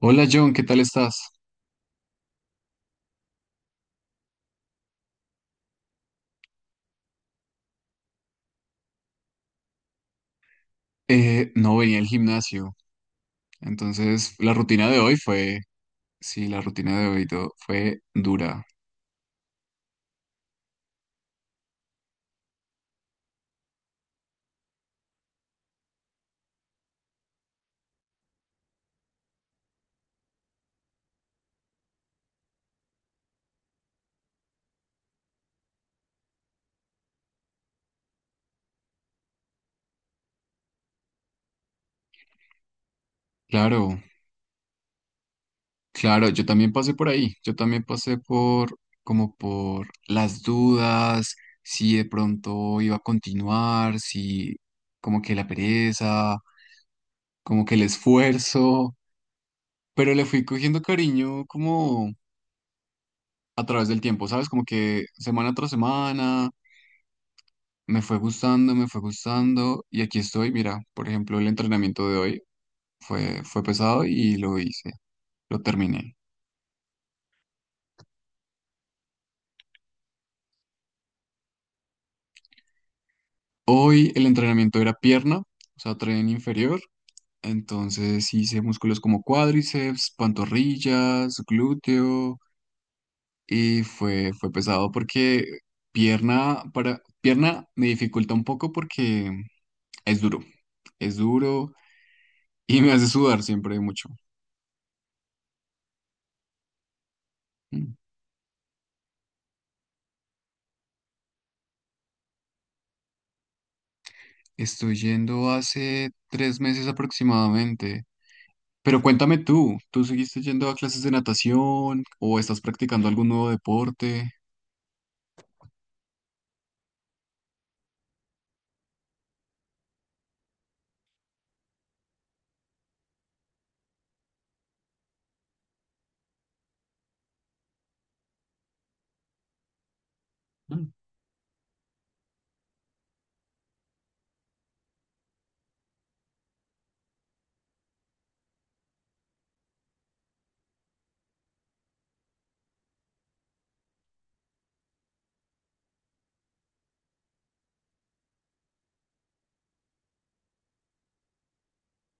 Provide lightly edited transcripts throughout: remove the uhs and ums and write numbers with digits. Hola John, ¿qué tal estás? No venía al gimnasio, entonces la rutina de hoy sí, la rutina de hoy fue dura. Claro, claro, yo también pasé por ahí, yo también pasé por como por las dudas, si de pronto iba a continuar, si como que la pereza, como que el esfuerzo, pero le fui cogiendo cariño como a través del tiempo, ¿sabes? Como que semana tras semana. Me fue gustando y aquí estoy. Mira, por ejemplo, el entrenamiento de hoy fue pesado y lo hice, lo terminé. Hoy el entrenamiento era pierna, o sea, tren inferior. Entonces hice músculos como cuádriceps, pantorrillas, glúteo y fue pesado porque pierna me dificulta un poco porque es duro, es duro y me hace sudar siempre mucho. Estoy yendo hace 3 meses aproximadamente. Pero cuéntame tú, ¿tú seguiste yendo a clases de natación o estás practicando algún nuevo deporte? Mm.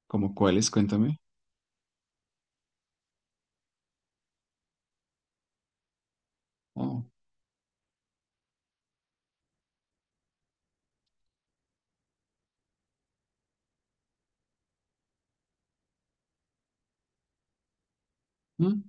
¿Cómo cuáles? Cuéntame. Oh, mm.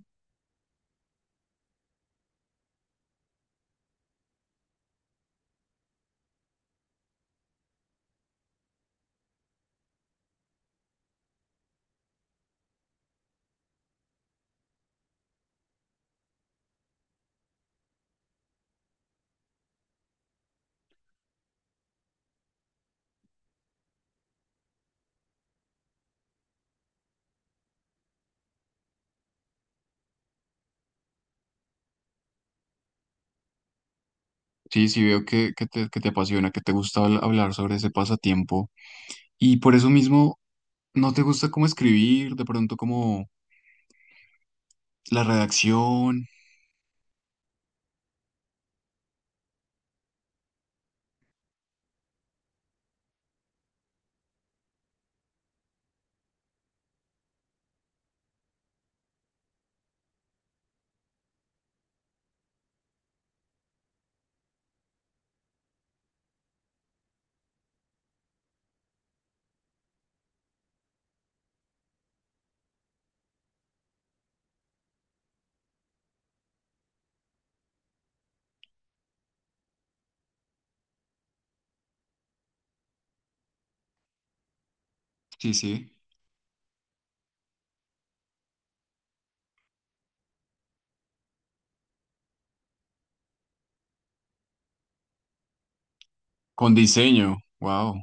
Sí, sí, veo que te apasiona, que te gusta hablar sobre ese pasatiempo. Y por eso mismo, ¿no te gusta cómo escribir? De pronto, como la redacción. Sí, sí. Con diseño. Wow,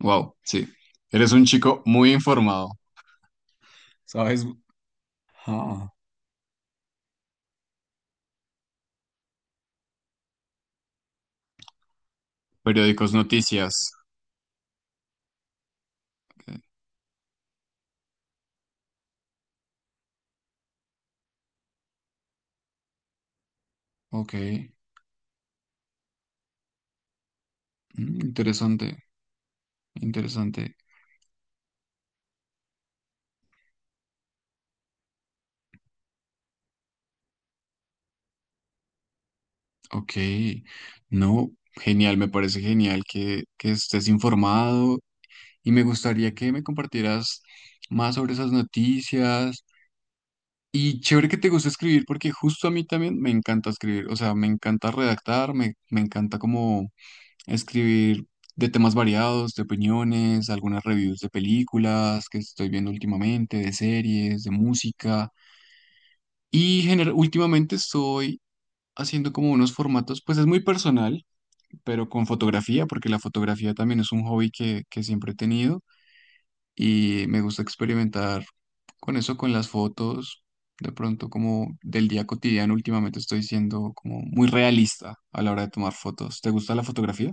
wow, sí. Eres un chico muy informado. ¿Sabes? Ah. Periódicos, noticias. Ok, mm, interesante, interesante. Ok, no, genial, me parece genial que estés informado y me gustaría que me compartieras más sobre esas noticias. Y chévere que te gusta escribir porque justo a mí también me encanta escribir, o sea, me encanta redactar, me encanta como escribir de temas variados, de opiniones, algunas reviews de películas que estoy viendo últimamente, de series, de música. Y últimamente estoy haciendo como unos formatos, pues es muy personal, pero con fotografía, porque la fotografía también es un hobby que siempre he tenido y me gusta experimentar con eso, con las fotos, de pronto como del día cotidiano, últimamente estoy siendo como muy realista a la hora de tomar fotos. ¿Te gusta la fotografía?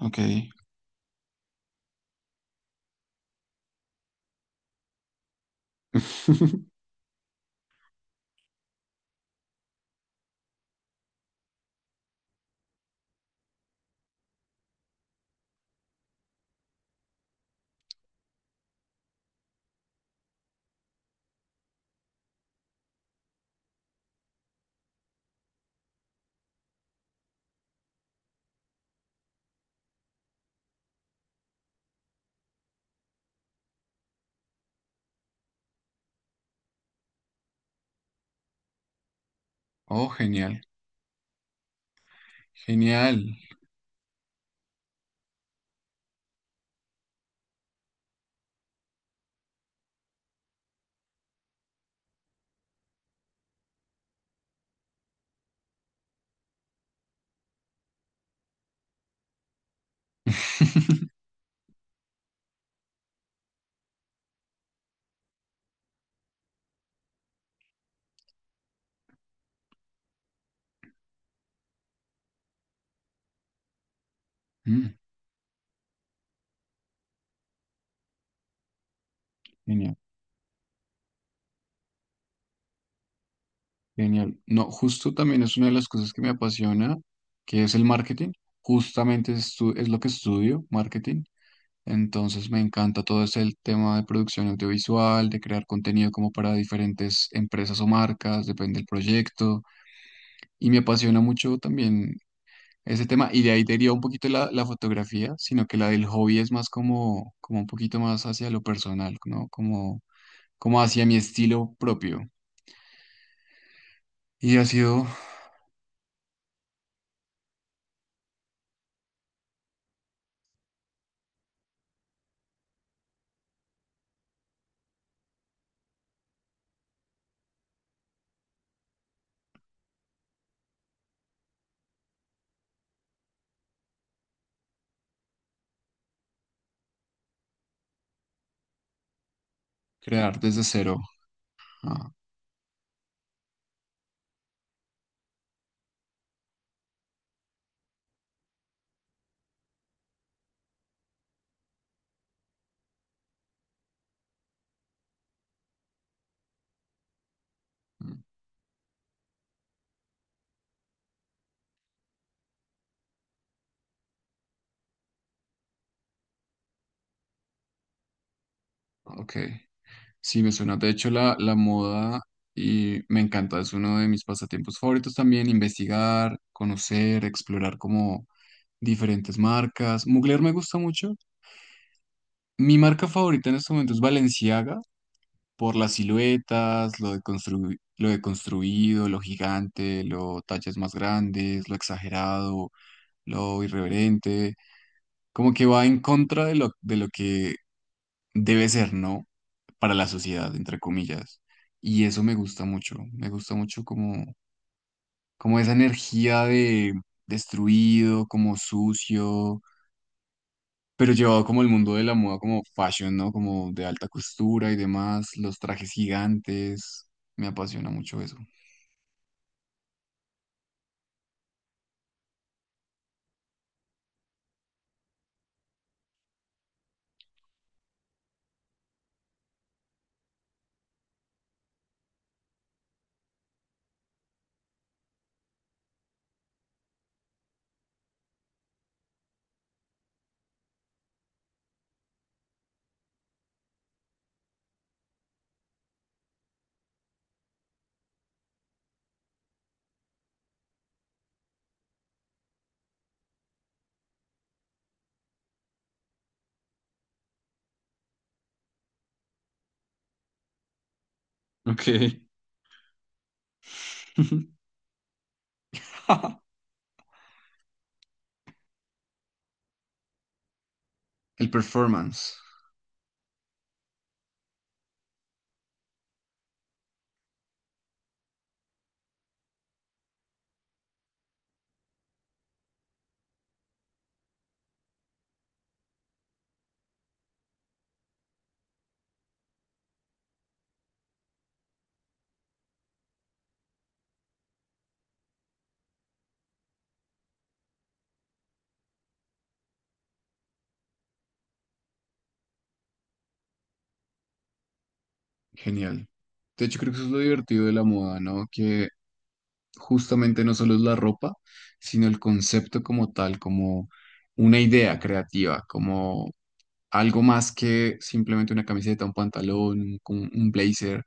Ok. Oh, genial, genial. Mm, genial. Genial. No, justo también es una de las cosas que me apasiona, que es el marketing. Justamente es lo que estudio, marketing. Entonces me encanta todo ese tema de producción audiovisual, de crear contenido como para diferentes empresas o marcas, depende del proyecto. Y me apasiona mucho también ese tema. Y de ahí deriva un poquito la fotografía, sino que la del hobby es más como, como un poquito más hacia lo personal, ¿no? Como, como hacia mi estilo propio. Y ha sido crear desde cero. Ah. Ok, sí me suena. De hecho, la moda y me encanta, es uno de mis pasatiempos favoritos también, investigar, conocer, explorar como diferentes marcas. Mugler me gusta mucho. Mi marca favorita en este momento es Balenciaga, por las siluetas, lo de lo de construido, lo gigante, lo tallas más grandes, lo exagerado, lo irreverente. Como que va en contra de lo que debe ser no para la sociedad, entre comillas. Y eso me gusta mucho como, como esa energía de destruido, como sucio, pero llevado como el mundo de la moda, como fashion, ¿no? Como de alta costura y demás, los trajes gigantes, me apasiona mucho eso. Ok. El performance, genial. De hecho, creo que eso es lo divertido de la moda, ¿no? Que justamente no solo es la ropa, sino el concepto como tal, como una idea creativa, como algo más que simplemente una camiseta, un pantalón, un blazer.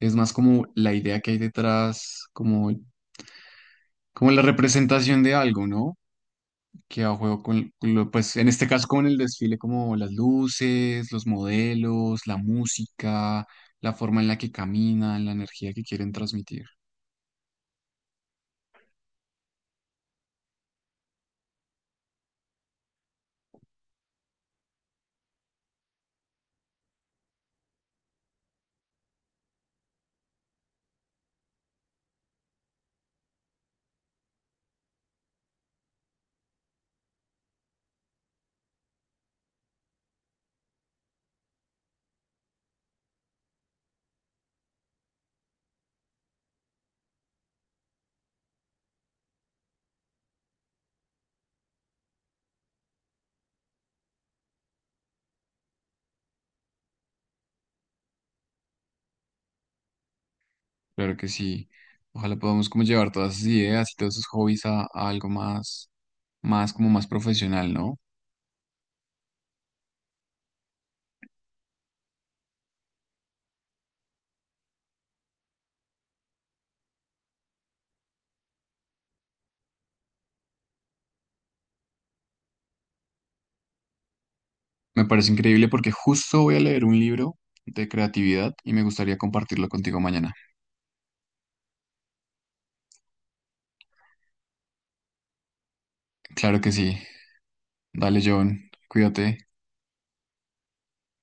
Es más como la idea que hay detrás, como, como la representación de algo, ¿no? Que a juego con lo- pues en este caso con el desfile, como las luces, los modelos, la música, la forma en la que caminan, la energía que quieren transmitir. Claro que sí. Ojalá podamos como llevar todas esas ideas y todos esos hobbies a algo más, más como más profesional, ¿no? Me parece increíble porque justo voy a leer un libro de creatividad y me gustaría compartirlo contigo mañana. Claro que sí. Dale, John. Cuídate.